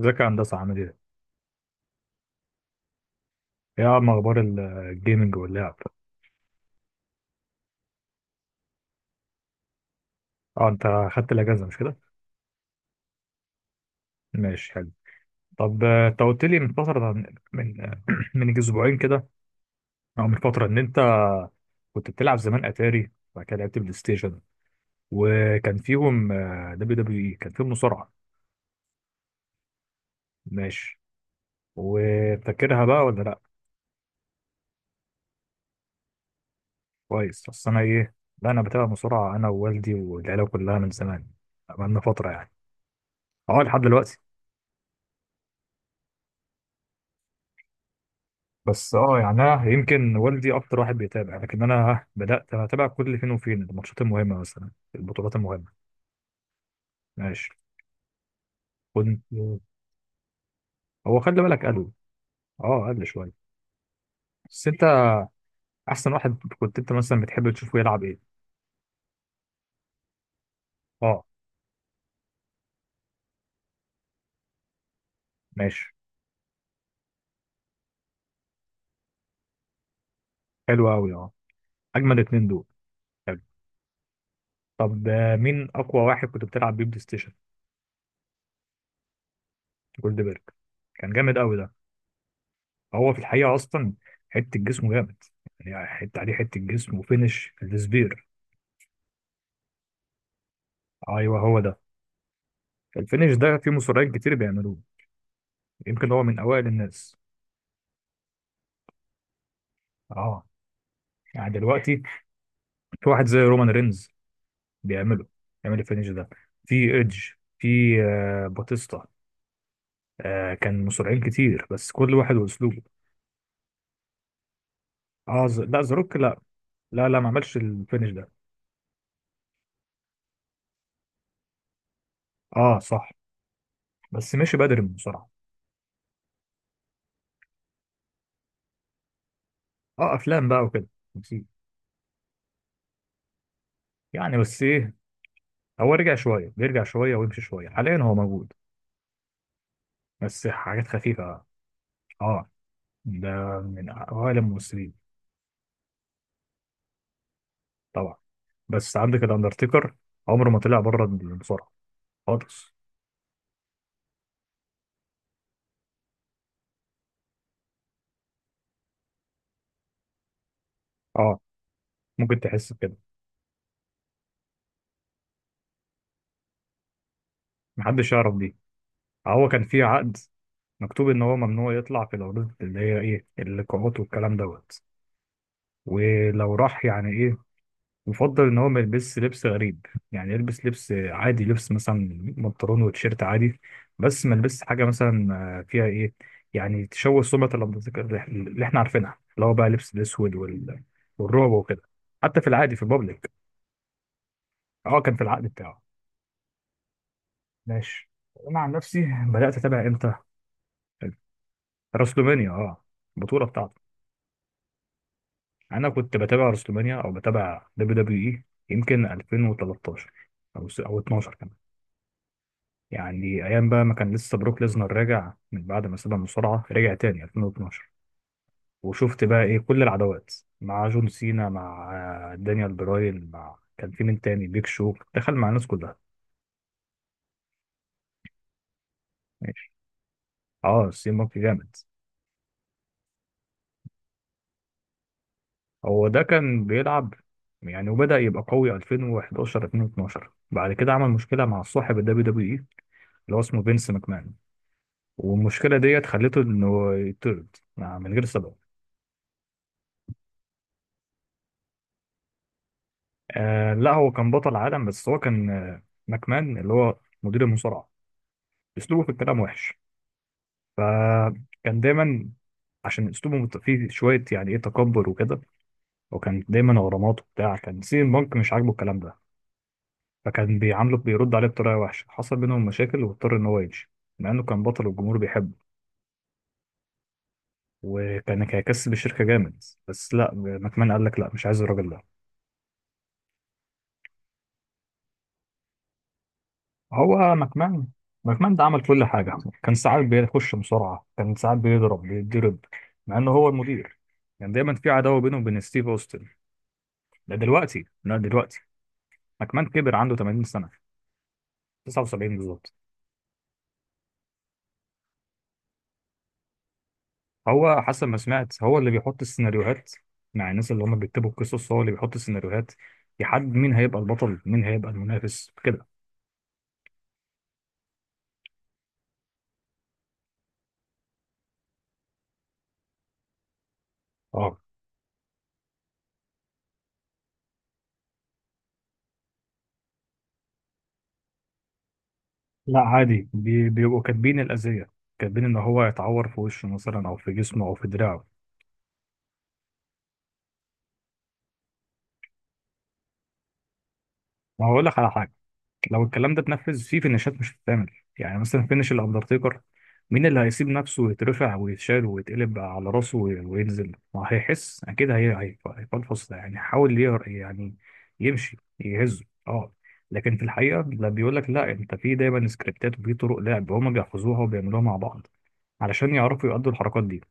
ازيك يا هندسة، عامل ايه؟ ايه عم اخبار الجيمنج واللعب؟ اه، انت خدت الاجازة مش كده؟ ماشي، حلو. طب انت قلت لي من فترة، من آه، من اسبوعين كده، او من فترة ان انت كنت بتلعب زمان اتاري، وبعد كده لعبت بلاي ستيشن، وكان فيهم دبليو دبليو اي، كان فيهم مصارعة. ماشي. وفاكرها بقى ولا لا؟ كويس، اصل انا ايه؟ لا، انا بتابع مصارعة، انا ووالدي والعيلة كلها من زمان، بقالنا فترة يعني. اه، لحد دلوقتي. بس يعني انا يمكن والدي اكتر واحد بيتابع، لكن انا بدات اتابع كل فين وفين الماتشات المهمه، مثلا البطولات المهمه. ماشي. كنت. هو خلي بالك قل. اه، قل شويه. بس انت، احسن واحد كنت انت مثلا بتحب تشوفه يلعب ايه؟ اه. ماشي. حلو قوي اه. اجمل اتنين دول. حلو. طب مين اقوى واحد كنت بتلعب بيه بلاي ستيشن؟ جولدبرج. كان جامد قوي ده. هو في الحقيقه اصلا، حته جسمه جامد، يعني حته عليه حته جسم وفينش السبير. ايوه، هو ده. الفينش ده في مصارعين كتير بيعملوه، يمكن هو من اوائل الناس. اه، يعني دلوقتي في واحد زي رومان رينز بيعمله، الفينش ده. في ايدج، في، باتيستا. كان مصارعين كتير، بس كل واحد واسلوبه. اه لا، زاروك لا. لا لا، ما عملش الفينش ده. اه، صح. بس مشي بدري من المصارعه. اه، افلام بقى وكده. نسيت. يعني بس ايه، هو رجع شويه، بيرجع شويه ويمشي شويه، حاليا هو موجود بس حاجات خفيفه. اه، ده من اوائل الممثلين. طبعا. بس عندك الاندرتيكر، عمره ما طلع بره المصارعه خالص. اه، ممكن تحس بكده. محدش يعرف دي. هو كان في عقد مكتوب ان هو ممنوع يطلع في العروض اللي هي ايه، اللقاءات والكلام دوت. ولو راح يعني ايه، يفضل ان هو ما يلبسش لبس غريب، يعني يلبس لبس عادي، لبس مثلا بنطلون وتيشيرت عادي. بس ما يلبسش حاجه مثلا فيها ايه، يعني تشوه سمعه الاندرتيكر اللي احنا عارفينها، اللي هو بقى لبس الاسود والرعب وكده، حتى في العادي في البابليك. اه، كان في العقد بتاعه. ماشي. انا عن نفسي بدات اتابع امتى؟ راسلومانيا، اه، البطوله بتاعته. انا كنت بتابع راسلومانيا او بتابع دبليو دبليو اي يمكن 2013، او 12 كمان، يعني ايام بقى ما كان لسه بروك ليزنر راجع من بعد ما ساب المصارعه، رجع تاني 2012. وشفت بقى ايه كل العداوات، مع جون سينا، مع دانيال براين، مع كان في مين تاني؟ بيك شو دخل مع الناس كلها. ماشي. اه، سي مونكي جامد. هو ده كان بيلعب يعني، وبدأ يبقى قوي 2011، 2012، بعد كده عمل مشكلة مع صاحب الدبليو دبليو اي، اللي هو اسمه فينس ماكمان. والمشكلة ديت خلته انه يطرد من غير سبب. لا، هو كان بطل عالم، بس هو كان ماكمان اللي هو مدير المصارعة، اسلوبه في الكلام وحش. فكان دايما، عشان اسلوبه فيه شوية يعني ايه، تكبر وكده. وكان دايما غرامات وبتاع، كان سي بانك مش عاجبه الكلام ده، فكان بيعامله، بيرد عليه بطريقه وحشه، حصل بينهم مشاكل واضطر ان هو يمشي، مع انه كان بطل والجمهور بيحبه، وكان هيكسب الشركه جامد، بس لا، ماكمان قال لك لا، مش عايز الراجل ده. هو ماكمان، ماكمان ده عمل كل حاجه. كان ساعات بيخش مصارعه، كان ساعات بيضرب بيتضرب مع انه هو المدير. كان دايما في عداوه بينه وبين ستيف اوستن. ده دلوقتي، لا دلوقتي، ماكمان كبر، عنده 80 سنه، 79 بالظبط. هو حسب ما سمعت، هو اللي بيحط السيناريوهات مع الناس اللي هم بيكتبوا القصص. هو اللي بيحط السيناريوهات، يحدد مين هيبقى البطل، مين هيبقى المنافس كده. اه، لا عادي. بيبقوا كاتبين الأذية، كاتبين إن هو يتعور في وشه مثلا، أو في جسمه، أو في دراعه. ما هقول لك على حاجة، لو الكلام ده اتنفذ، في فينيشات مش بتتعمل، يعني مثلا فينيش الاندرتيكر، مين اللي هيسيب نفسه ويترفع ويتشال ويتقلب على راسه وينزل؟ ما هيحس اكيد، هيفلفص ده يعني، حاول يعني يمشي يهزه، اه. لكن في الحقيقه لا، بيقول لك لا، انت في دايما سكريبتات وفي طرق لعب هما بيحفظوها وبيعملوها مع بعض، علشان يعرفوا يأدوا الحركات دي.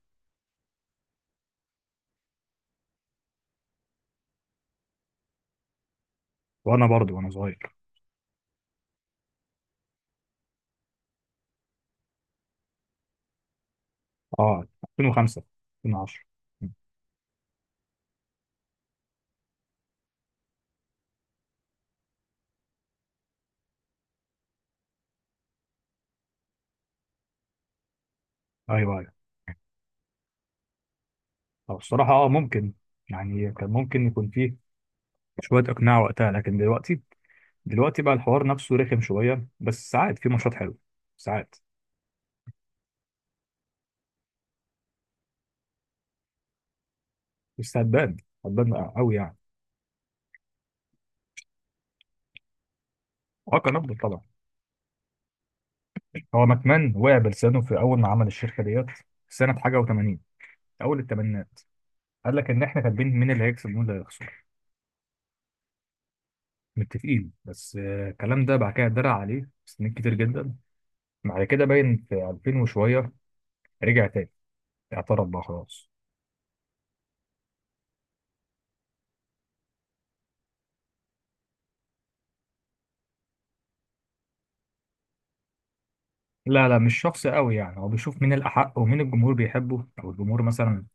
وانا برضو وانا صغير، اه، 2005، 2010. ايوه ايوه. طب الصراحه ممكن، يعني كان ممكن يكون فيه شوية إقناع وقتها، لكن دلوقتي، دلوقتي بقى الحوار نفسه رخم شوية، بس ساعات في ماتشات حلوة، ساعات. بس هتبان، هتبان قوي يعني. اه، كان أفضل طبعا. هو ماكمان وقع بلسانه في أول ما عمل الشركة ديت، سنة حاجة و80، أول الثمانينات. قال لك إن إحنا كاتبين مين اللي هيكسب ومين اللي هيخسر متفقين، بس الكلام ده بعد كده اتدرع عليه سنين كتير جدا. بعد كده باين في 2000 وشوية، رجع تاني، اعترف بقى خلاص. لا لا، مش شخص قوي يعني، هو بيشوف مين الأحق ومين الجمهور بيحبه، أو الجمهور مثلا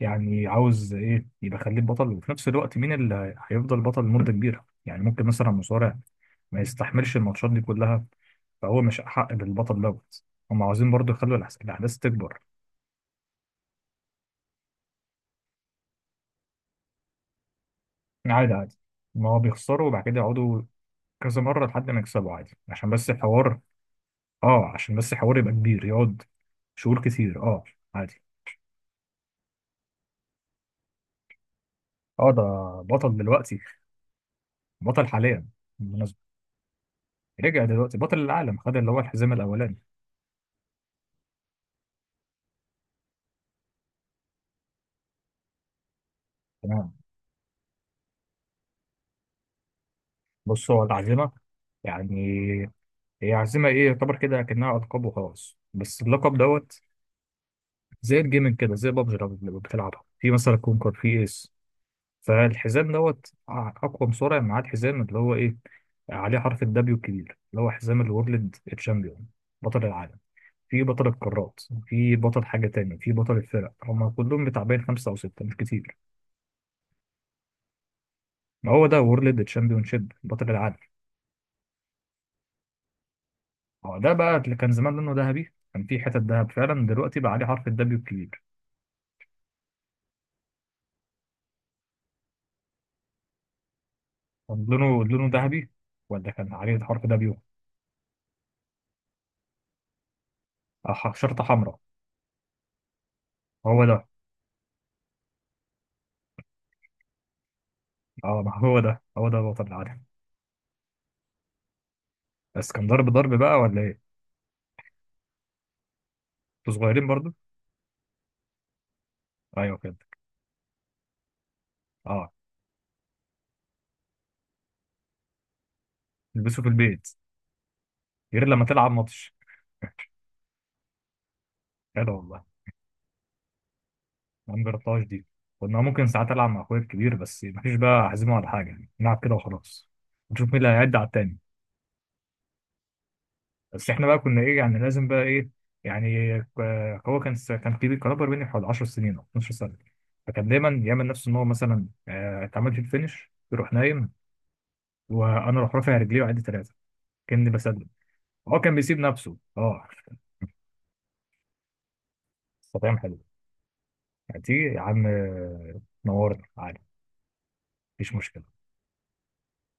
يعني عاوز ايه، يبقى خليه بطل. وفي نفس الوقت مين اللي هيفضل بطل لمده كبيره، يعني ممكن مثلا مصارع ما يستحملش الماتشات دي كلها، فهو مش حق بالبطل دوت. هم عاوزين برضه يخلوا الاحداث تكبر. عادي عادي، ما هو بيخسروا وبعد كده يقعدوا كذا مره لحد ما يكسبوا، عادي، عشان بس الحوار. اه، عشان بس الحوار يبقى كبير يقعد شهور كتير، اه. عادي. اه، ده بطل دلوقتي، بطل حاليا، بالمناسبة. رجع دلوقتي بطل العالم، خد اللي هو الحزام الأولاني. تمام. بص هو العزيمة يعني، هي عازمة ايه، يعتبر كده كأنها ألقاب وخلاص، بس اللقب دوت زي الجيمنج كده، زي بابجي لما بتلعبها في مثلا كونكر في ايس. فالحزام دوت أقوى مصارع معاه الحزام، اللي هو ايه، عليه حرف الدبليو الكبير، اللي هو حزام الورلد تشامبيون، بطل العالم. في بطل القارات، في بطل حاجة تانية، في بطل الفرق، هما كلهم بتاع خمسة أو ستة، مش كتير. ما هو ده وورلد تشامبيون شيب، بطل العالم. هو ده بقى اللي كان زمان لونه ذهبي، كان في حتت ذهب فعلا، دلوقتي بقى عليه حرف الدبليو الكبير. كان لونه ذهبي، ولا كان عليه الحرف ده بيوم، شرطة حمراء. هو ده، اه، ما هو ده الوطن العادي. بس كان ضرب ضرب بقى ولا ايه؟ انتوا صغيرين برضو؟ ايوه كده، اه. تلبسوا في البيت غير لما تلعب ماتش. كده والله. ما جربتهاش دي. كنا ممكن ساعات العب مع اخويا الكبير، بس مفيش بقى احزمه على حاجه يعني. نلعب كده وخلاص، نشوف مين اللي هيعد على التاني. بس احنا بقى كنا ايه يعني، لازم بقى ايه. يعني هو كان س- كان كبير كان اكبر مني بحوالي 10 سنين او 12 سنه، فكان دايما يعمل نفسه ان هو مثلا اتعمل في الفينش، يروح نايم وانا اروح رافع رجلي وعدي ثلاثه، كاني بسلم. هو كان بيسيب نفسه، اه. استطعم، حلو يعني. تيجي يا عم نورنا عادي. مفيش مشكله.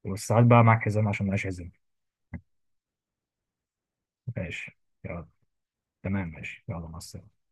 والساعات بقى معاك حزام عشان معيش حزام. ماشي يلا. تمام ماشي، يلا، مع السلامه.